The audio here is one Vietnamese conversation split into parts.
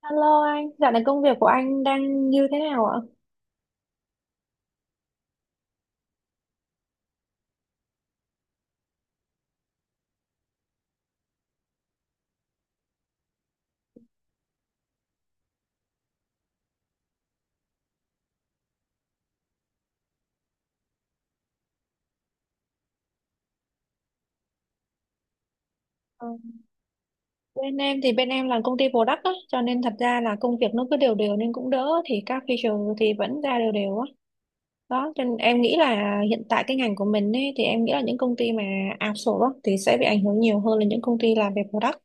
Alo anh, dạo này công việc của anh đang như thế nào ạ? Ờ, Bên em thì bên em là công ty product á, cho nên thật ra là công việc nó cứ đều đều nên cũng đỡ, thì các feature thì vẫn ra đều đều á. Đó, cho nên em nghĩ là hiện tại cái ngành của mình ấy, thì em nghĩ là những công ty mà outsource á, thì sẽ bị ảnh hưởng nhiều hơn là những công ty làm về product.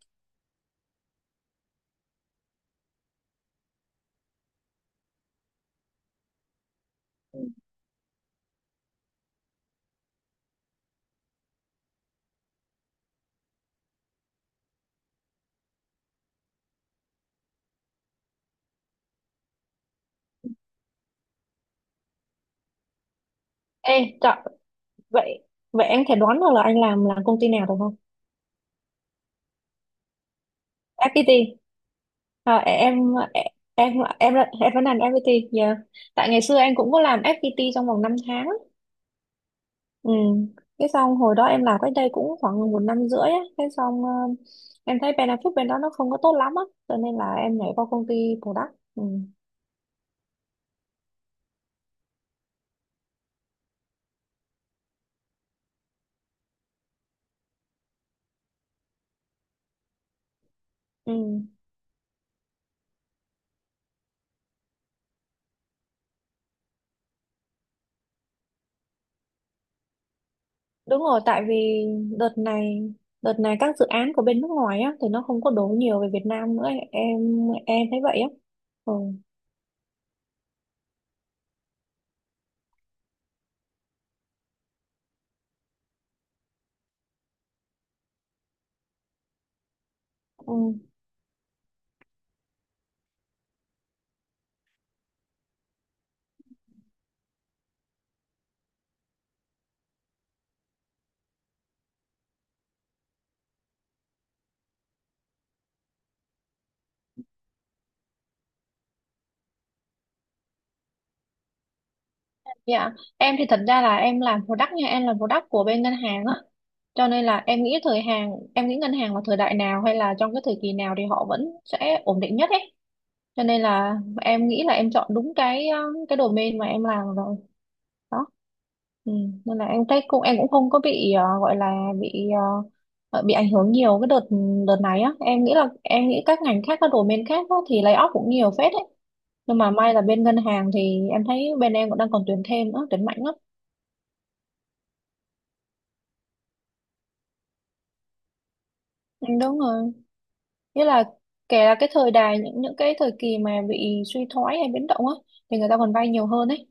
Ừ. Ê, trời, vậy vậy em thể đoán được là anh làm là công ty nào được không? FPT. À, em em em vẫn làm FPT. Yeah. Tại ngày xưa em cũng có làm FPT trong vòng 5 tháng. Ừ. Cái xong hồi đó em làm cách đây cũng khoảng một năm rưỡi á. Em thấy benefit bên đó nó không có tốt lắm á. Cho nên là em nhảy qua công ty product. Ừ. Ừ. Đúng rồi, tại vì đợt này đợt này các dự án của bên nước ngoài á thì nó không có đổ nhiều về Việt Nam nữa, em thấy vậy á. Ừ. Ừ. Dạ, em thì thật ra là em làm product nha, em làm product của bên ngân hàng á. Cho nên là em nghĩ ngân hàng vào thời đại nào hay là trong cái thời kỳ nào thì họ vẫn sẽ ổn định nhất ấy. Cho nên là em nghĩ là em chọn đúng cái domain mà em làm rồi đó. Ừ. Nên là em thấy em cũng không có bị gọi là bị bị ảnh hưởng nhiều cái đợt đợt này á. Em nghĩ là em nghĩ các ngành khác, các domain khác á, thì lay off cũng nhiều phết đấy, nhưng mà may là bên ngân hàng thì em thấy bên em cũng đang còn tuyển thêm nữa, tuyển mạnh lắm. Ừ, đúng rồi, nghĩa là kể là cái thời đại, những cái thời kỳ mà bị suy thoái hay biến động á, thì người ta còn vay nhiều hơn ấy.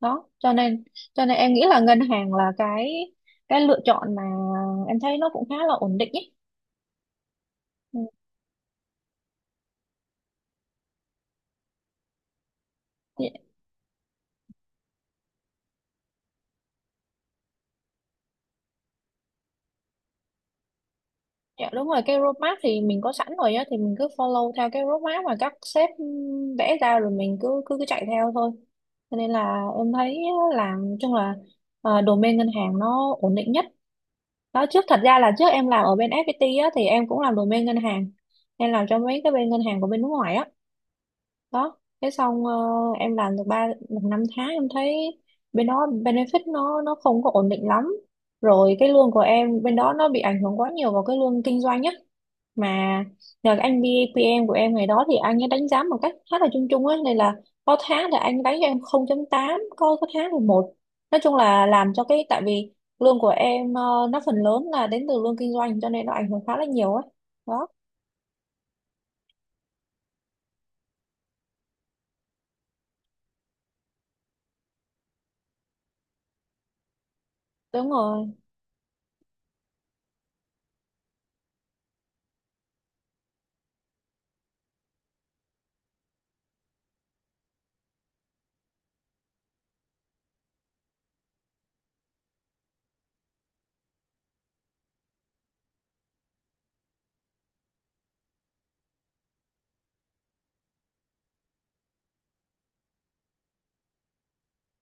Đó cho nên em nghĩ là ngân hàng là cái lựa chọn mà em thấy nó cũng khá là ổn định ấy. Ừ, dạ, dạ, đúng rồi, cái roadmap thì mình có sẵn rồi á, thì mình cứ follow theo cái roadmap mà các sếp vẽ ra, rồi mình cứ cứ cứ chạy theo thôi. Cho nên là em thấy làm chung là domain ngân hàng nó ổn định nhất. Đó, trước thật ra là trước em làm ở bên FPT á thì em cũng làm domain ngân hàng, em làm cho mấy cái bên ngân hàng của bên nước ngoài á. Đó thế xong em làm được ba được năm tháng em thấy bên đó benefit nó không có ổn định lắm. Rồi cái lương của em bên đó nó bị ảnh hưởng quá nhiều vào cái lương kinh doanh á, mà nhờ cái anh BPM của em ngày đó thì anh ấy đánh giá một cách khá là chung chung á, nên là có tháng thì anh đánh cho em 0.8, có tháng thì một. Nói chung là làm cho cái, tại vì lương của em nó phần lớn là đến từ lương kinh doanh, cho nên nó ảnh hưởng khá là nhiều á đó. Đúng rồi.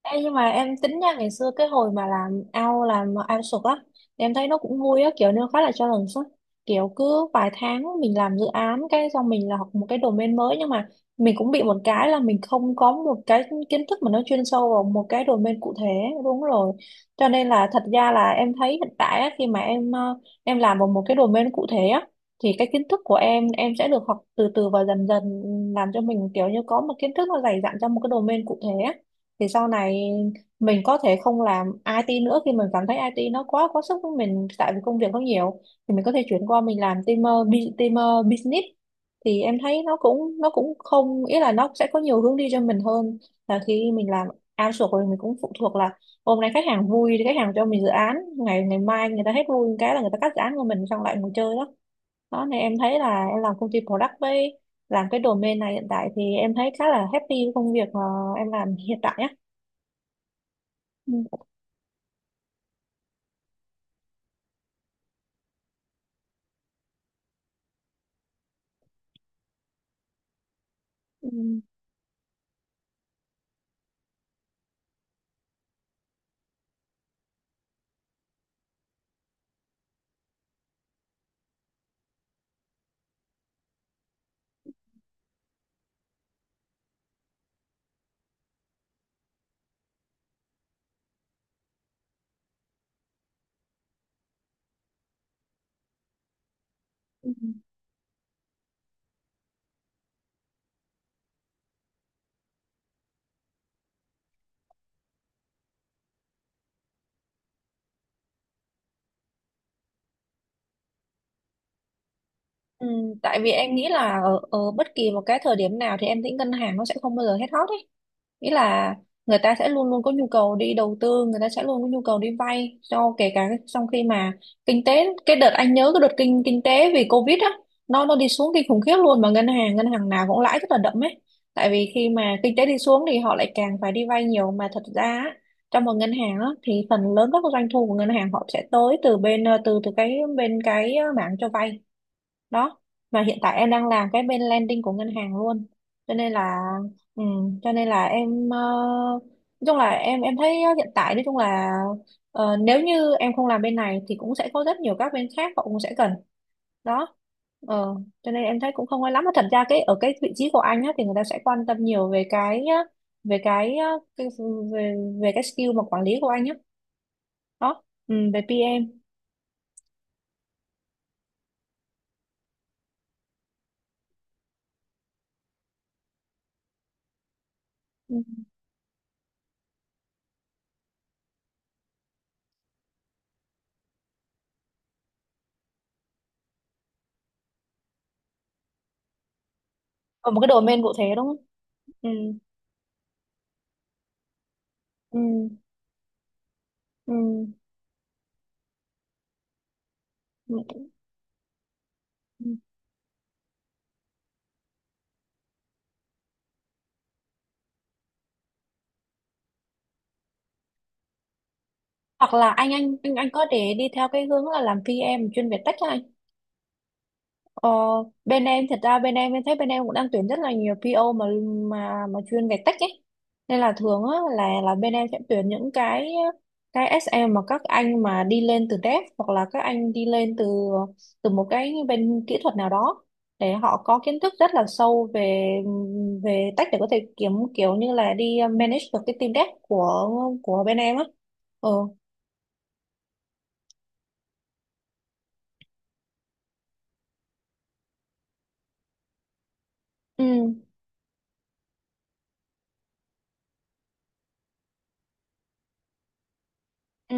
Ê, nhưng mà em tính nha, ngày xưa cái hồi mà làm ao sục á, em thấy nó cũng vui á, kiểu nó khá là challenge á, kiểu cứ vài tháng mình làm dự án cái xong mình là học một cái domain mới, nhưng mà mình cũng bị một cái là mình không có một cái kiến thức mà nó chuyên sâu vào một cái domain cụ thể. Đúng rồi. Cho nên là thật ra là em thấy hiện tại á, khi mà em làm vào một cái domain cụ thể á, thì cái kiến thức của em sẽ được học từ từ và dần dần, làm cho mình kiểu như có một kiến thức nó dày dặn trong một cái domain cụ thể á, thì sau này mình có thể không làm IT nữa, khi mình cảm thấy IT nó quá quá sức với mình, tại vì công việc nó nhiều, thì mình có thể chuyển qua mình làm team team business, thì em thấy nó cũng không, ý là nó sẽ có nhiều hướng đi cho mình hơn là khi mình làm outsource, rồi mình cũng phụ thuộc là hôm nay khách hàng vui thì khách hàng cho mình dự án, ngày ngày mai người ta hết vui cái là người ta cắt dự án của mình xong lại ngồi chơi đó. Đó nên em thấy là em làm công ty product với làm cái domain này hiện tại thì em thấy khá là happy với công việc mà em làm hiện tại á. Ừ, ừ, ừ. Ừ, tại vì em nghĩ là ở bất kỳ một cái thời điểm nào thì em nghĩ ngân hàng nó sẽ không bao giờ hết hot ấy, nghĩa là người ta sẽ luôn luôn có nhu cầu đi đầu tư, người ta sẽ luôn có nhu cầu đi vay, cho kể cả trong khi mà kinh tế, cái đợt anh nhớ cái đợt kinh kinh tế vì Covid á, nó đi xuống kinh khủng khiếp luôn, mà ngân hàng, ngân hàng nào cũng lãi rất là đậm ấy. Tại vì khi mà kinh tế đi xuống thì họ lại càng phải đi vay nhiều, mà thật ra á, trong một ngân hàng á, thì phần lớn các doanh thu của ngân hàng họ sẽ tới từ bên từ từ cái bên cái mảng cho vay đó, mà hiện tại em đang làm cái bên landing của ngân hàng luôn. Cho nên là ừ, cho nên là em nói chung là em thấy hiện tại nói chung là nếu như em không làm bên này thì cũng sẽ có rất nhiều các bên khác họ cũng sẽ cần đó. Ờ, cho nên em thấy cũng không ai lắm, mà thật ra cái ở cái vị trí của anh á, thì người ta sẽ quan tâm nhiều về cái, á, cái về, về cái skill mà quản lý của anh á đó, ừ, về PM. Ừ. Ở một cái domain cụ thể đúng không. Ừ. Ừ. Ừ. Ừ. Ừ. Hoặc là anh có thể đi theo cái hướng là làm PM chuyên về tech á anh. ờ, Bên em thật ra bên em thấy bên em cũng đang tuyển rất là nhiều PO mà, mà chuyên về tech ấy, nên là thường á là bên em sẽ tuyển những cái SM mà các anh mà đi lên từ dev, hoặc là các anh đi lên từ từ một cái bên kỹ thuật nào đó, để họ có kiến thức rất là sâu về về tech, để có thể kiểu như là đi manage được cái team dev của bên em á. Ừ. Ừ. Ừ.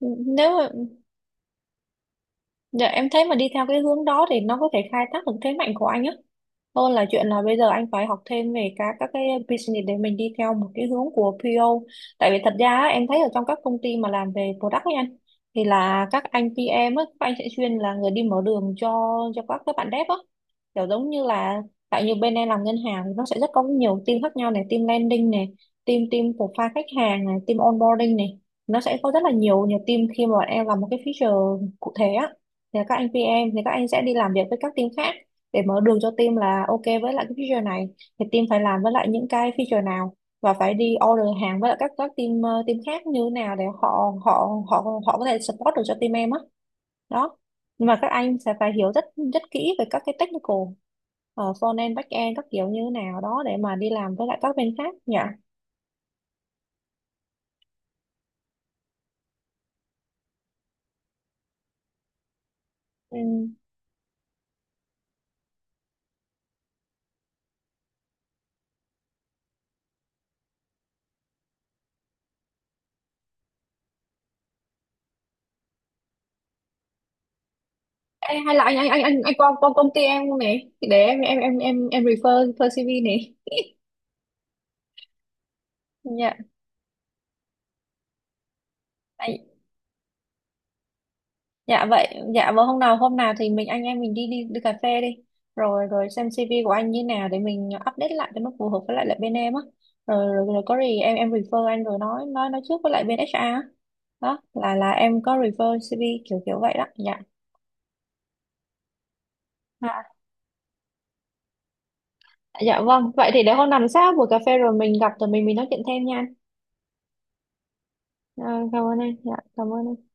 Nếu mà, dạ em thấy mà đi theo cái hướng đó thì nó có thể khai thác được thế mạnh của anh á. Hơn là chuyện là bây giờ anh phải học thêm về các cái business để mình đi theo một cái hướng của PO. Tại vì thật ra á, em thấy ở trong các công ty mà làm về product ấy anh, thì là các anh PM á, các anh sẽ chuyên là người đi mở đường cho các bạn dev á. Kiểu giống như là tại như bên em làm ngân hàng thì nó sẽ rất có nhiều team khác nhau này, team landing này, team team profile khách hàng này, team onboarding này. Nó sẽ có rất là nhiều nhiều team khi mà bọn em làm một cái feature cụ thể á, thì các anh PM thì các anh sẽ đi làm việc với các team khác để mở đường cho team, là ok với lại cái feature này thì team phải làm với lại những cái feature nào, và phải đi order hàng với lại các team team khác như thế nào để họ họ họ họ có thể support được cho team em á. Đó nhưng mà các anh sẽ phải hiểu rất rất kỹ về các cái technical, front end, back end các kiểu như thế nào đó để mà đi làm với lại các bên khác nhỉ. Ừ. Ê, hay là anh qua qua công ty em không này, để em refer, refer CV này nhỉ. Dạ vậy, dạ vâng, hôm nào, hôm nào thì mình anh em mình đi đi đi cà phê đi. Rồi, rồi xem CV của anh như nào để mình update lại cho nó phù hợp với lại lại bên em á. Rồi, rồi, rồi có gì em refer anh, rồi nói trước với lại bên HR á. Đó, là em có refer CV kiểu kiểu vậy đó. Dạ. À, dạ vâng, vậy thì để hôm nào sau buổi cà phê rồi mình gặp rồi mình nói chuyện thêm nha anh. À, cảm ơn em. Dạ, cảm ơn em.